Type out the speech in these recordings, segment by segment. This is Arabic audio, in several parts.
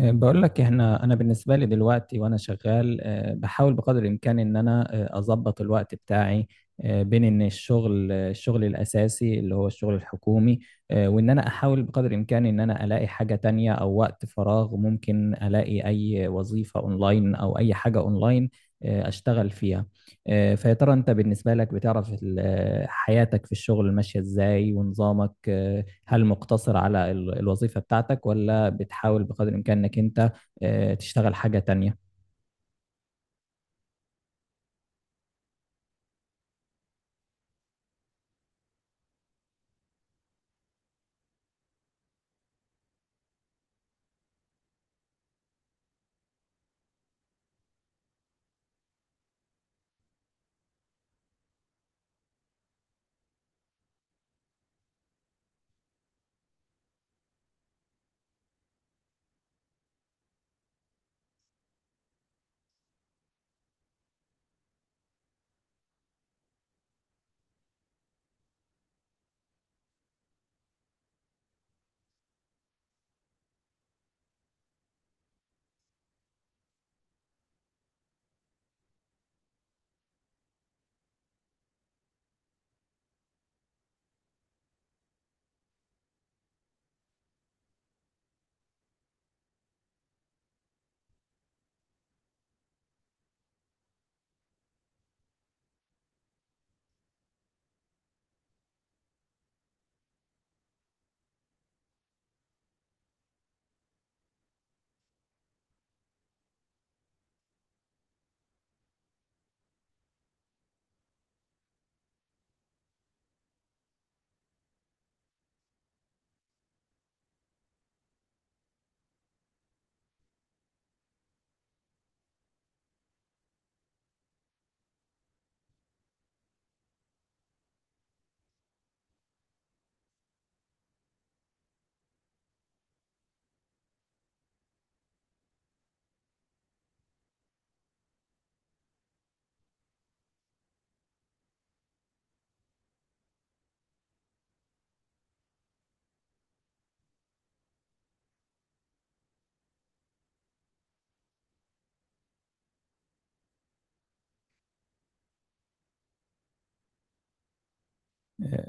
بقول لك احنا بالنسبه لي دلوقتي وانا شغال، بحاول بقدر الامكان ان انا اظبط الوقت بتاعي بين ان الشغل، الشغل الاساسي اللي هو الشغل الحكومي، وان انا احاول بقدر الامكان ان انا الاقي حاجه تانية او وقت فراغ ممكن الاقي اي وظيفه اونلاين او اي حاجه اونلاين اشتغل فيها. فيا ترى انت بالنسبه لك بتعرف حياتك في الشغل ماشيه ازاي ونظامك؟ هل مقتصر على الوظيفة بتاعتك ولا بتحاول بقدر الإمكان إنك أنت تشتغل حاجة تانية؟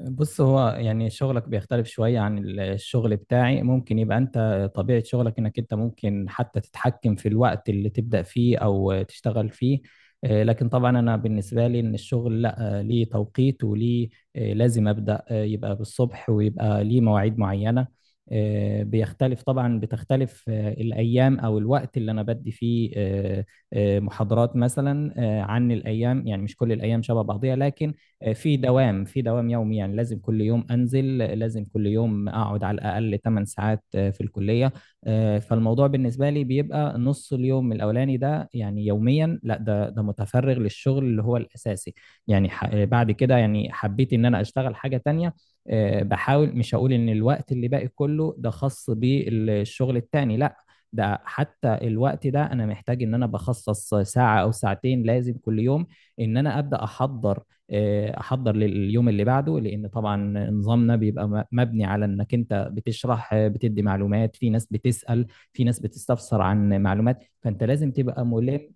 بص، هو يعني شغلك بيختلف شوية عن الشغل بتاعي، ممكن يبقى أنت طبيعة شغلك إنك أنت ممكن حتى تتحكم في الوقت اللي تبدأ فيه أو تشتغل فيه، لكن طبعا أنا بالنسبة لي إن الشغل لأ، ليه توقيت وليه، لازم أبدأ يبقى بالصبح ويبقى ليه مواعيد معينة. بيختلف طبعا، بتختلف الأيام أو الوقت اللي أنا بدي فيه محاضرات مثلا عن الأيام، يعني مش كل الأيام شبه بعضيها، لكن في دوام، في دوام يومي، يعني لازم كل يوم انزل، لازم كل يوم اقعد على الاقل 8 ساعات في الكليه. فالموضوع بالنسبه لي بيبقى نص اليوم الاولاني ده، يعني يوميا، لا، ده متفرغ للشغل اللي هو الاساسي، يعني بعد كده يعني حبيت ان انا اشتغل حاجه تانية. بحاول، مش هقول ان الوقت اللي باقي كله ده خاص بالشغل التاني، لا، ده حتى الوقت ده انا محتاج ان انا بخصص ساعة او ساعتين لازم كل يوم ان انا ابدا احضر، احضر لليوم اللي بعده، لان طبعا نظامنا بيبقى مبني على انك انت بتشرح، بتدي معلومات، في ناس بتسأل، في ناس بتستفسر عن معلومات، فانت لازم تبقى ملم.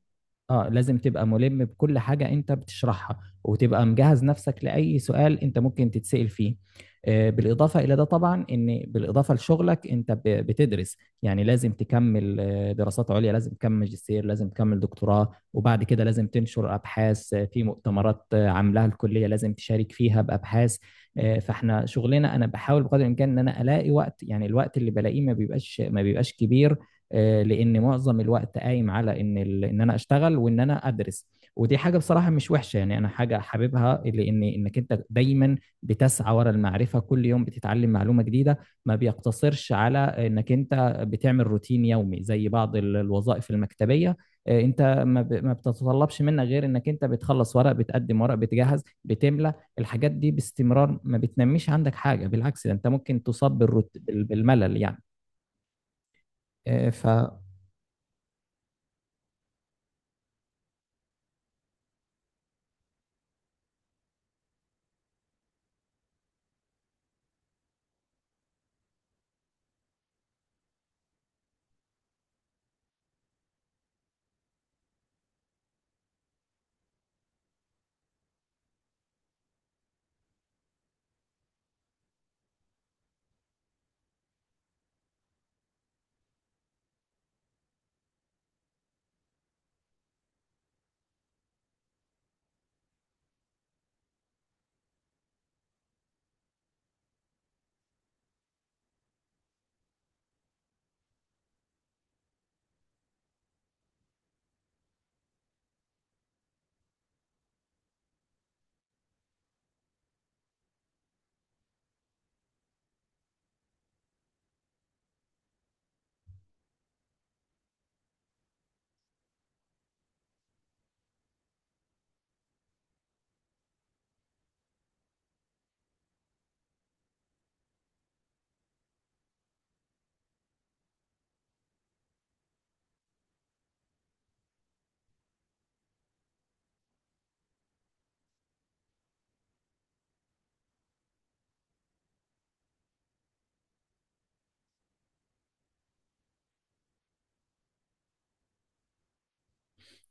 اه، لازم تبقى ملم بكل حاجة انت بتشرحها، وتبقى مجهز نفسك لأي سؤال انت ممكن تتسأل فيه. بالإضافة إلى ده طبعا، إن بالإضافة لشغلك أنت بتدرس، يعني لازم تكمل دراسات عليا، لازم تكمل ماجستير، لازم تكمل دكتوراه، وبعد كده لازم تنشر أبحاث في مؤتمرات عاملاها الكلية، لازم تشارك فيها بأبحاث. فإحنا شغلنا، أنا بحاول بقدر الإمكان إن أنا ألاقي وقت، يعني الوقت اللي بلاقيه ما بيبقاش كبير، لان معظم الوقت قايم على ان ان انا اشتغل وان انا ادرس. ودي حاجه بصراحه مش وحشه، يعني انا حاجه حاببها، لان انك انت دايما بتسعى ورا المعرفه، كل يوم بتتعلم معلومه جديده، ما بيقتصرش على انك انت بتعمل روتين يومي زي بعض الوظائف المكتبيه. انت ما بتتطلبش منك غير انك انت بتخلص ورق، بتقدم ورق، بتجهز، بتملى الحاجات دي باستمرار، ما بتنميش عندك حاجه، بالعكس ده انت ممكن تصاب بالملل يعني. آه، ف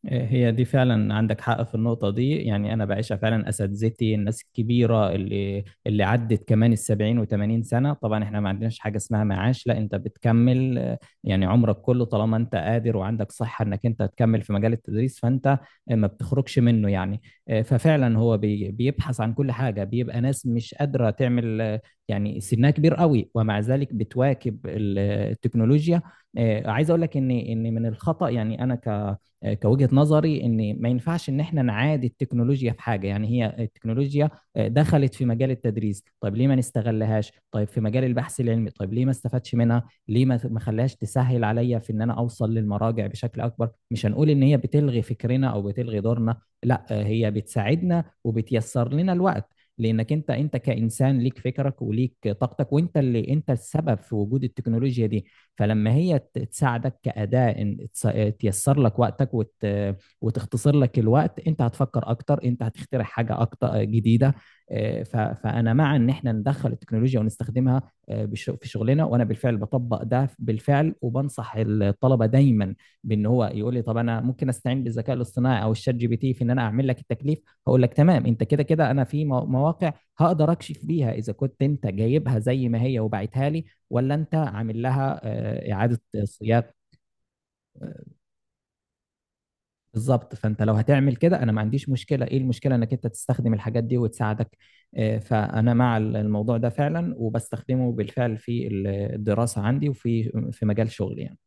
هي دي فعلا عندك حق في النقطة دي، يعني أنا بعيشها فعلا. أساتذتي الناس الكبيرة اللي عدت كمان السبعين وثمانين سنة، طبعا إحنا ما عندناش حاجة اسمها معاش، لا أنت بتكمل، يعني عمرك كله، طالما أنت قادر وعندك صحة إنك أنت تكمل في مجال التدريس، فأنت ما بتخرجش منه يعني. ففعلا هو بيبحث عن كل حاجة، بيبقى ناس مش قادرة تعمل، يعني سنها كبير قوي، ومع ذلك بتواكب التكنولوجيا. عايز أقول لك إن من الخطأ، يعني أنا ك آه، كوجهة نظري ان ما ينفعش ان احنا نعادي التكنولوجيا في حاجة. يعني هي التكنولوجيا دخلت في مجال التدريس، طيب ليه ما نستغلهاش؟ طيب في مجال البحث العلمي، طيب ليه ما استفادش منها؟ ليه ما خلاش تسهل عليا في ان انا اوصل للمراجع بشكل اكبر؟ مش هنقول ان هي بتلغي فكرنا او بتلغي دورنا، لا، هي بتساعدنا وبتيسر لنا الوقت، لانك انت كانسان ليك فكرك وليك طاقتك، وانت اللي انت السبب في وجود التكنولوجيا دي. فلما هي تساعدك كأداة إن تيسر لك وقتك وتختصر لك الوقت، أنت هتفكر أكتر، أنت هتخترع حاجة أكتر جديدة. فأنا مع إن إحنا ندخل التكنولوجيا ونستخدمها في شغلنا، وأنا بالفعل بطبق ده بالفعل، وبنصح الطلبة دايما بإن هو يقول لي طب أنا ممكن أستعين بالذكاء الاصطناعي أو الشات جي بي تي في إن أنا أعمل لك التكليف، هقول لك تمام، أنت كده كده أنا في مواقع هقدر اكشف بيها اذا كنت انت جايبها زي ما هي وبعتها لي، ولا انت عامل لها اعاده صياغه. آه، بالظبط، فانت لو هتعمل كده انا ما عنديش مشكله. ايه المشكله انك انت تستخدم الحاجات دي وتساعدك؟ فانا مع الموضوع ده فعلا، وبستخدمه بالفعل في الدراسه عندي وفي مجال شغلي يعني.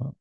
آه.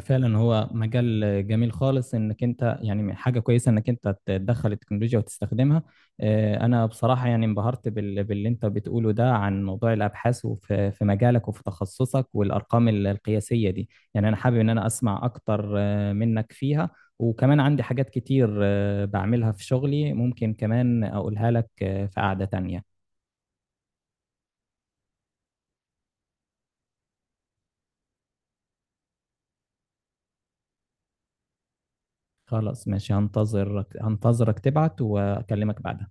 فعلا هو مجال جميل خالص، انك انت يعني حاجه كويسه انك انت تدخل التكنولوجيا وتستخدمها. انا بصراحه يعني انبهرت باللي انت بتقوله ده عن موضوع الابحاث وفي مجالك وفي تخصصك والارقام القياسيه دي، يعني انا حابب ان انا اسمع اكتر منك فيها. وكمان عندي حاجات كتير بعملها في شغلي ممكن كمان اقولها لك في قعده تانية. خلاص ماشي، هنتظرك تبعت واكلمك بعدها.